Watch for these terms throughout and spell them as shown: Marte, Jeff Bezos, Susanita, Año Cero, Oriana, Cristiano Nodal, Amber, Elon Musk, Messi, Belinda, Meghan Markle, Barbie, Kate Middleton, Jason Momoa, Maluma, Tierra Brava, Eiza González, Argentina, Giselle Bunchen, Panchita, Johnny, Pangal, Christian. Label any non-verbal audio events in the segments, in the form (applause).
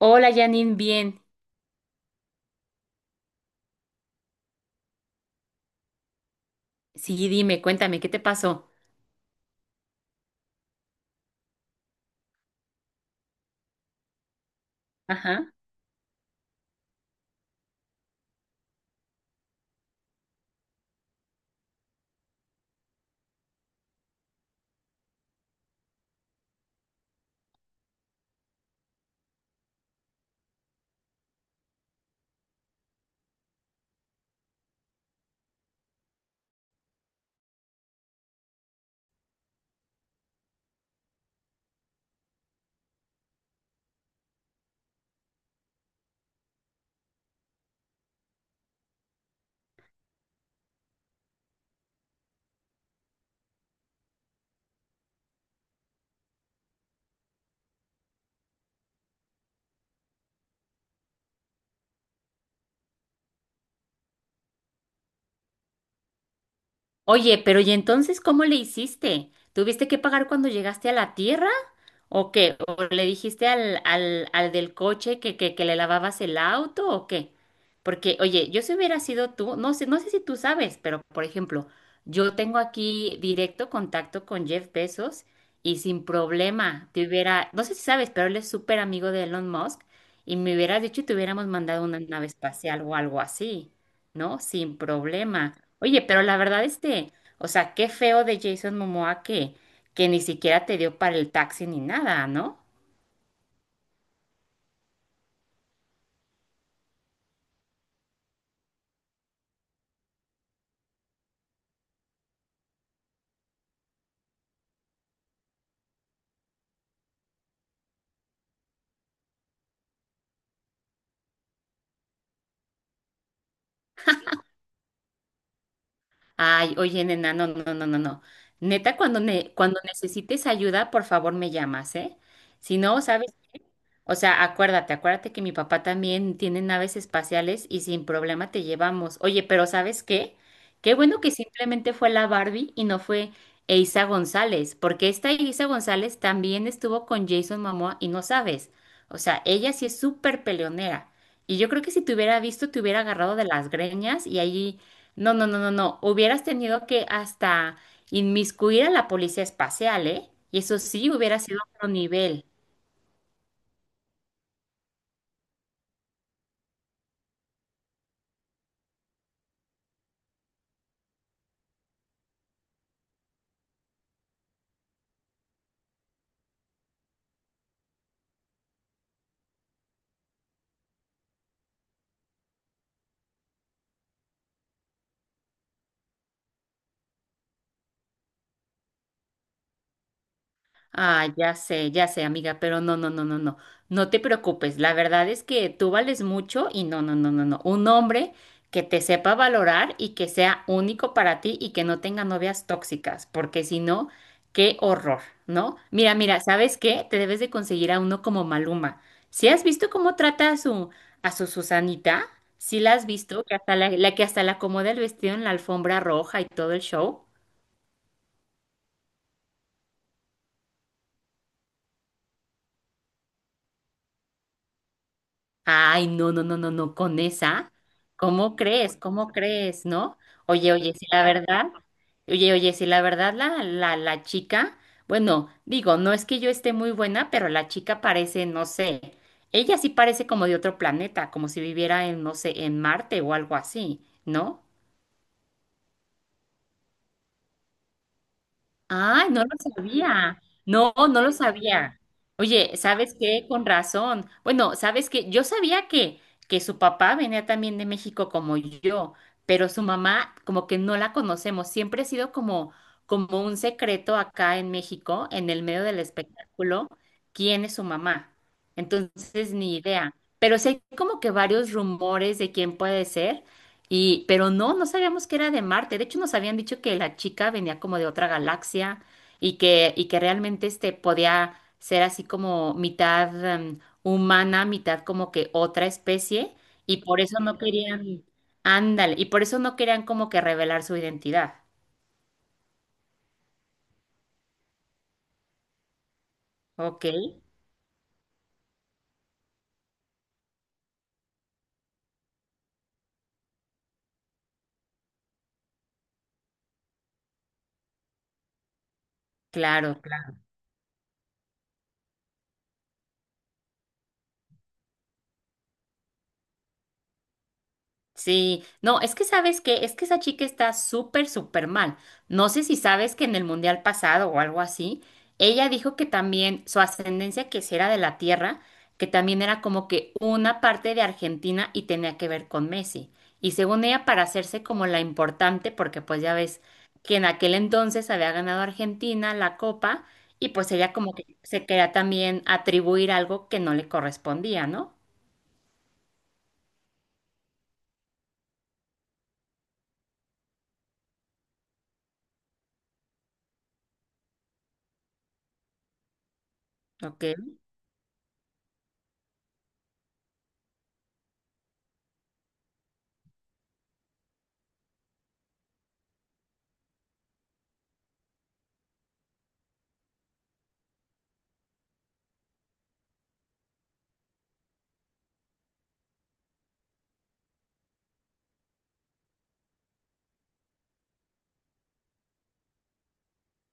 Hola Janine, bien. Sí, dime, cuéntame, ¿qué te pasó? Ajá. Oye, pero ¿y entonces cómo le hiciste? ¿Tuviste que pagar cuando llegaste a la tierra? ¿O qué? ¿O le dijiste al del coche que le lavabas el auto o qué? Porque, oye, yo si hubiera sido tú, no sé, no sé si tú sabes, pero por ejemplo, yo tengo aquí directo contacto con Jeff Bezos y sin problema te hubiera, no sé si sabes, pero él es súper amigo de Elon Musk y me hubieras dicho y te hubiéramos mandado una nave espacial o algo así. ¿No? Sin problema. Oye, pero la verdad, este, o sea, qué feo de Jason Momoa que ni siquiera te dio para el taxi ni nada, ¿no? Ay, oye, nena, no, no, no, no, no. Neta, cuando necesites ayuda, por favor me llamas, ¿eh? Si no, ¿sabes? O sea, acuérdate, acuérdate que mi papá también tiene naves espaciales y sin problema te llevamos. Oye, pero ¿sabes qué? Qué bueno que simplemente fue la Barbie y no fue Eiza González, porque esta Eiza González también estuvo con Jason Momoa y no sabes. O sea, ella sí es súper peleonera. Y yo creo que si te hubiera visto, te hubiera agarrado de las greñas y ahí, no, no, no, no, no, hubieras tenido que hasta inmiscuir a la policía espacial, ¿eh? Y eso sí hubiera sido otro nivel. Ah, ya sé, amiga, pero no, no, no, no, no. No te preocupes. La verdad es que tú vales mucho y no, no, no, no, no. Un hombre que te sepa valorar y que sea único para ti y que no tenga novias tóxicas, porque si no, qué horror, ¿no? Mira, mira, ¿sabes qué? Te debes de conseguir a uno como Maluma. Si has visto cómo trata a su Susanita? ¿Sí la has visto? Que hasta la acomoda el vestido en la alfombra roja y todo el show. Ay, no, no, no, no, no, con esa, ¿cómo crees? ¿Cómo crees? ¿No? Oye, oye, si la verdad, oye, oye, si la verdad la chica, bueno, digo, no es que yo esté muy buena, pero la chica parece, no sé, ella sí parece como de otro planeta, como si viviera en, no sé, en Marte o algo así, ¿no? Ay, no lo sabía. No, no lo sabía. Oye, ¿sabes qué? Con razón. Bueno, ¿sabes qué? Yo sabía que su papá venía también de México como yo, pero su mamá como que no la conocemos. Siempre ha sido como, como un secreto acá en México, en el medio del espectáculo, quién es su mamá. Entonces, ni idea. Pero sí hay como que varios rumores de quién puede ser, y, pero no, no sabíamos que era de Marte. De hecho, nos habían dicho que la chica venía como de otra galaxia y que realmente este podía ser así como mitad humana, mitad como que otra especie, y por eso no querían, ándale, y por eso no querían como que revelar su identidad. Ok, claro. Sí, no, es que sabes que, es que esa chica está súper, súper mal. No sé si sabes que en el mundial pasado o algo así, ella dijo que también su ascendencia que si era de la tierra, que también era como que una parte de Argentina y tenía que ver con Messi. Y según ella, para hacerse como la importante, porque pues ya ves que en aquel entonces había ganado Argentina la copa y pues ella como que se quería también atribuir algo que no le correspondía, ¿no? Ok.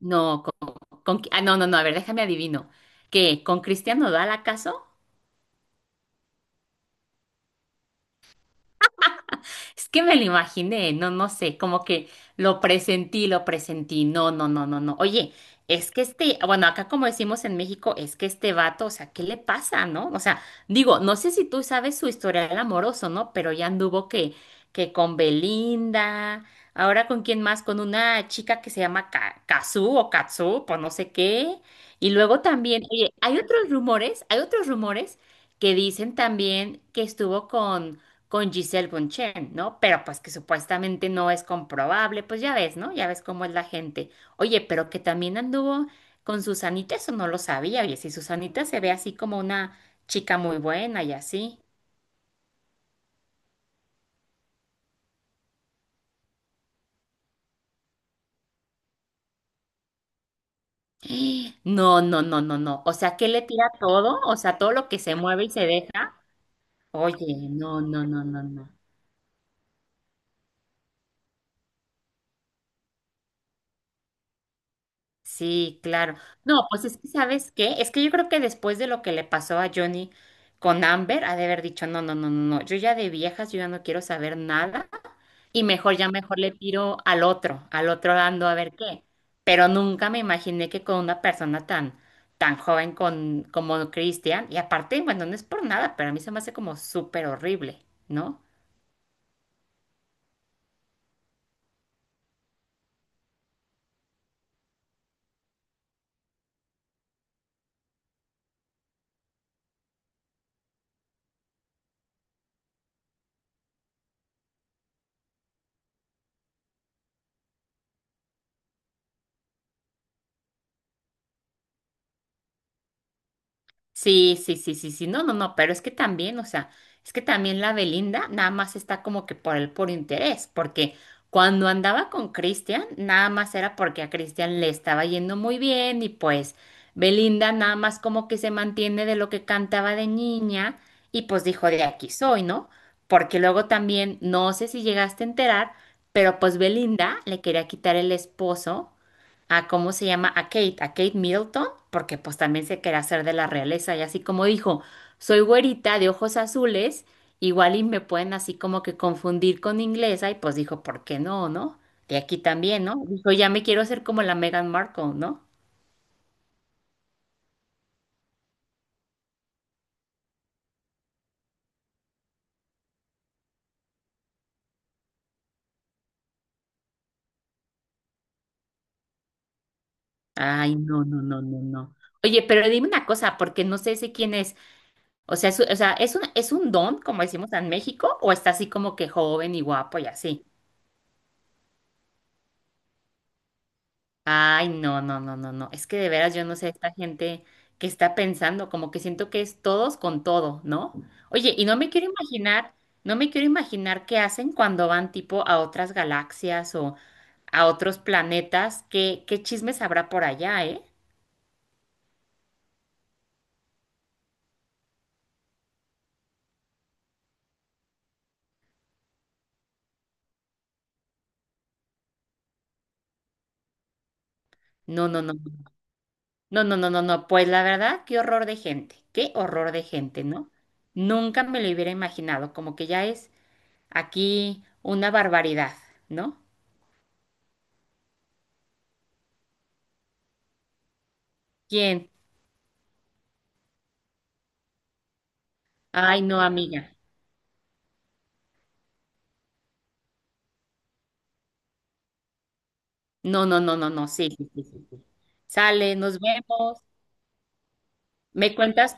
No, con, no, no, no, a ver, déjame adivino. ¿Qué? ¿Con Cristiano Nodal acaso? Es que me lo imaginé, no, no sé, como que lo presentí, no, no, no, no, no. Oye, es que este, bueno, acá como decimos en México, es que este vato, o sea, ¿qué le pasa, no? O sea, digo, no sé si tú sabes su historial amoroso, ¿no? Pero ya anduvo que con Belinda, ahora con quién más, con una chica que se llama Kazú o Katsu, pues no sé qué. Y luego también, oye, hay otros rumores que dicen también que estuvo con Giselle Bunchen, ¿no? Pero pues que supuestamente no es comprobable, pues ya ves, ¿no? Ya ves cómo es la gente. Oye, pero que también anduvo con Susanita, eso no lo sabía. Oye, si Susanita se ve así como una chica muy buena y así. (gasps) No, no, no, no, no. O sea, que le tira todo, o sea, todo lo que se mueve y se deja. Oye, no, no, no, no, no. Sí, claro. No, pues es que, ¿sabes qué? Es que yo creo que después de lo que le pasó a Johnny con Amber, ha de haber dicho, no, no, no, no, no, yo ya de viejas, yo ya no quiero saber nada y mejor ya mejor le tiro al otro dando a ver qué. Pero nunca me imaginé que con una persona tan, tan joven con, como Christian, y aparte, bueno, no es por nada, pero a mí se me hace como súper horrible, ¿no? Sí, sí, sí, sí, sí, no, no, no, pero es que también, o sea, es que también la Belinda nada más está como que por el puro interés, porque cuando andaba con Cristian, nada más era porque a Cristian le estaba yendo muy bien y pues Belinda nada más como que se mantiene de lo que cantaba de niña y pues dijo de aquí soy, ¿no? Porque luego también, no sé si llegaste a enterar, pero pues Belinda le quería quitar el esposo a cómo se llama, a Kate Middleton, porque pues también se quería hacer de la realeza y así como dijo, soy güerita de ojos azules, igual y me pueden así como que confundir con inglesa y pues dijo, ¿por qué no, no? De aquí también, ¿no? Dijo, ya me quiero hacer como la Meghan Markle, ¿no? Ay, no, no, no, no, no. Oye, pero dime una cosa, porque no sé si quién es. O sea, es, o sea, es un don, como decimos en México, o está así como que joven y guapo y así? Ay, no, no, no, no, no. Es que de veras yo no sé esta gente que está pensando, como que siento que es todos con todo, ¿no? Oye, y no me quiero imaginar, no me quiero imaginar qué hacen cuando van tipo a otras galaxias o a otros planetas, qué, qué chismes habrá por allá, ¿eh? No, no, no, no, no, no, no, no. No. Pues la verdad, qué horror de gente, qué horror de gente, ¿no? Nunca me lo hubiera imaginado, como que ya es aquí una barbaridad, ¿no? ¿Quién? Ay, no, amiga. No, no, no, no, no, sí, sí, sí, sí. Sí. Sale, nos vemos. Me cuentas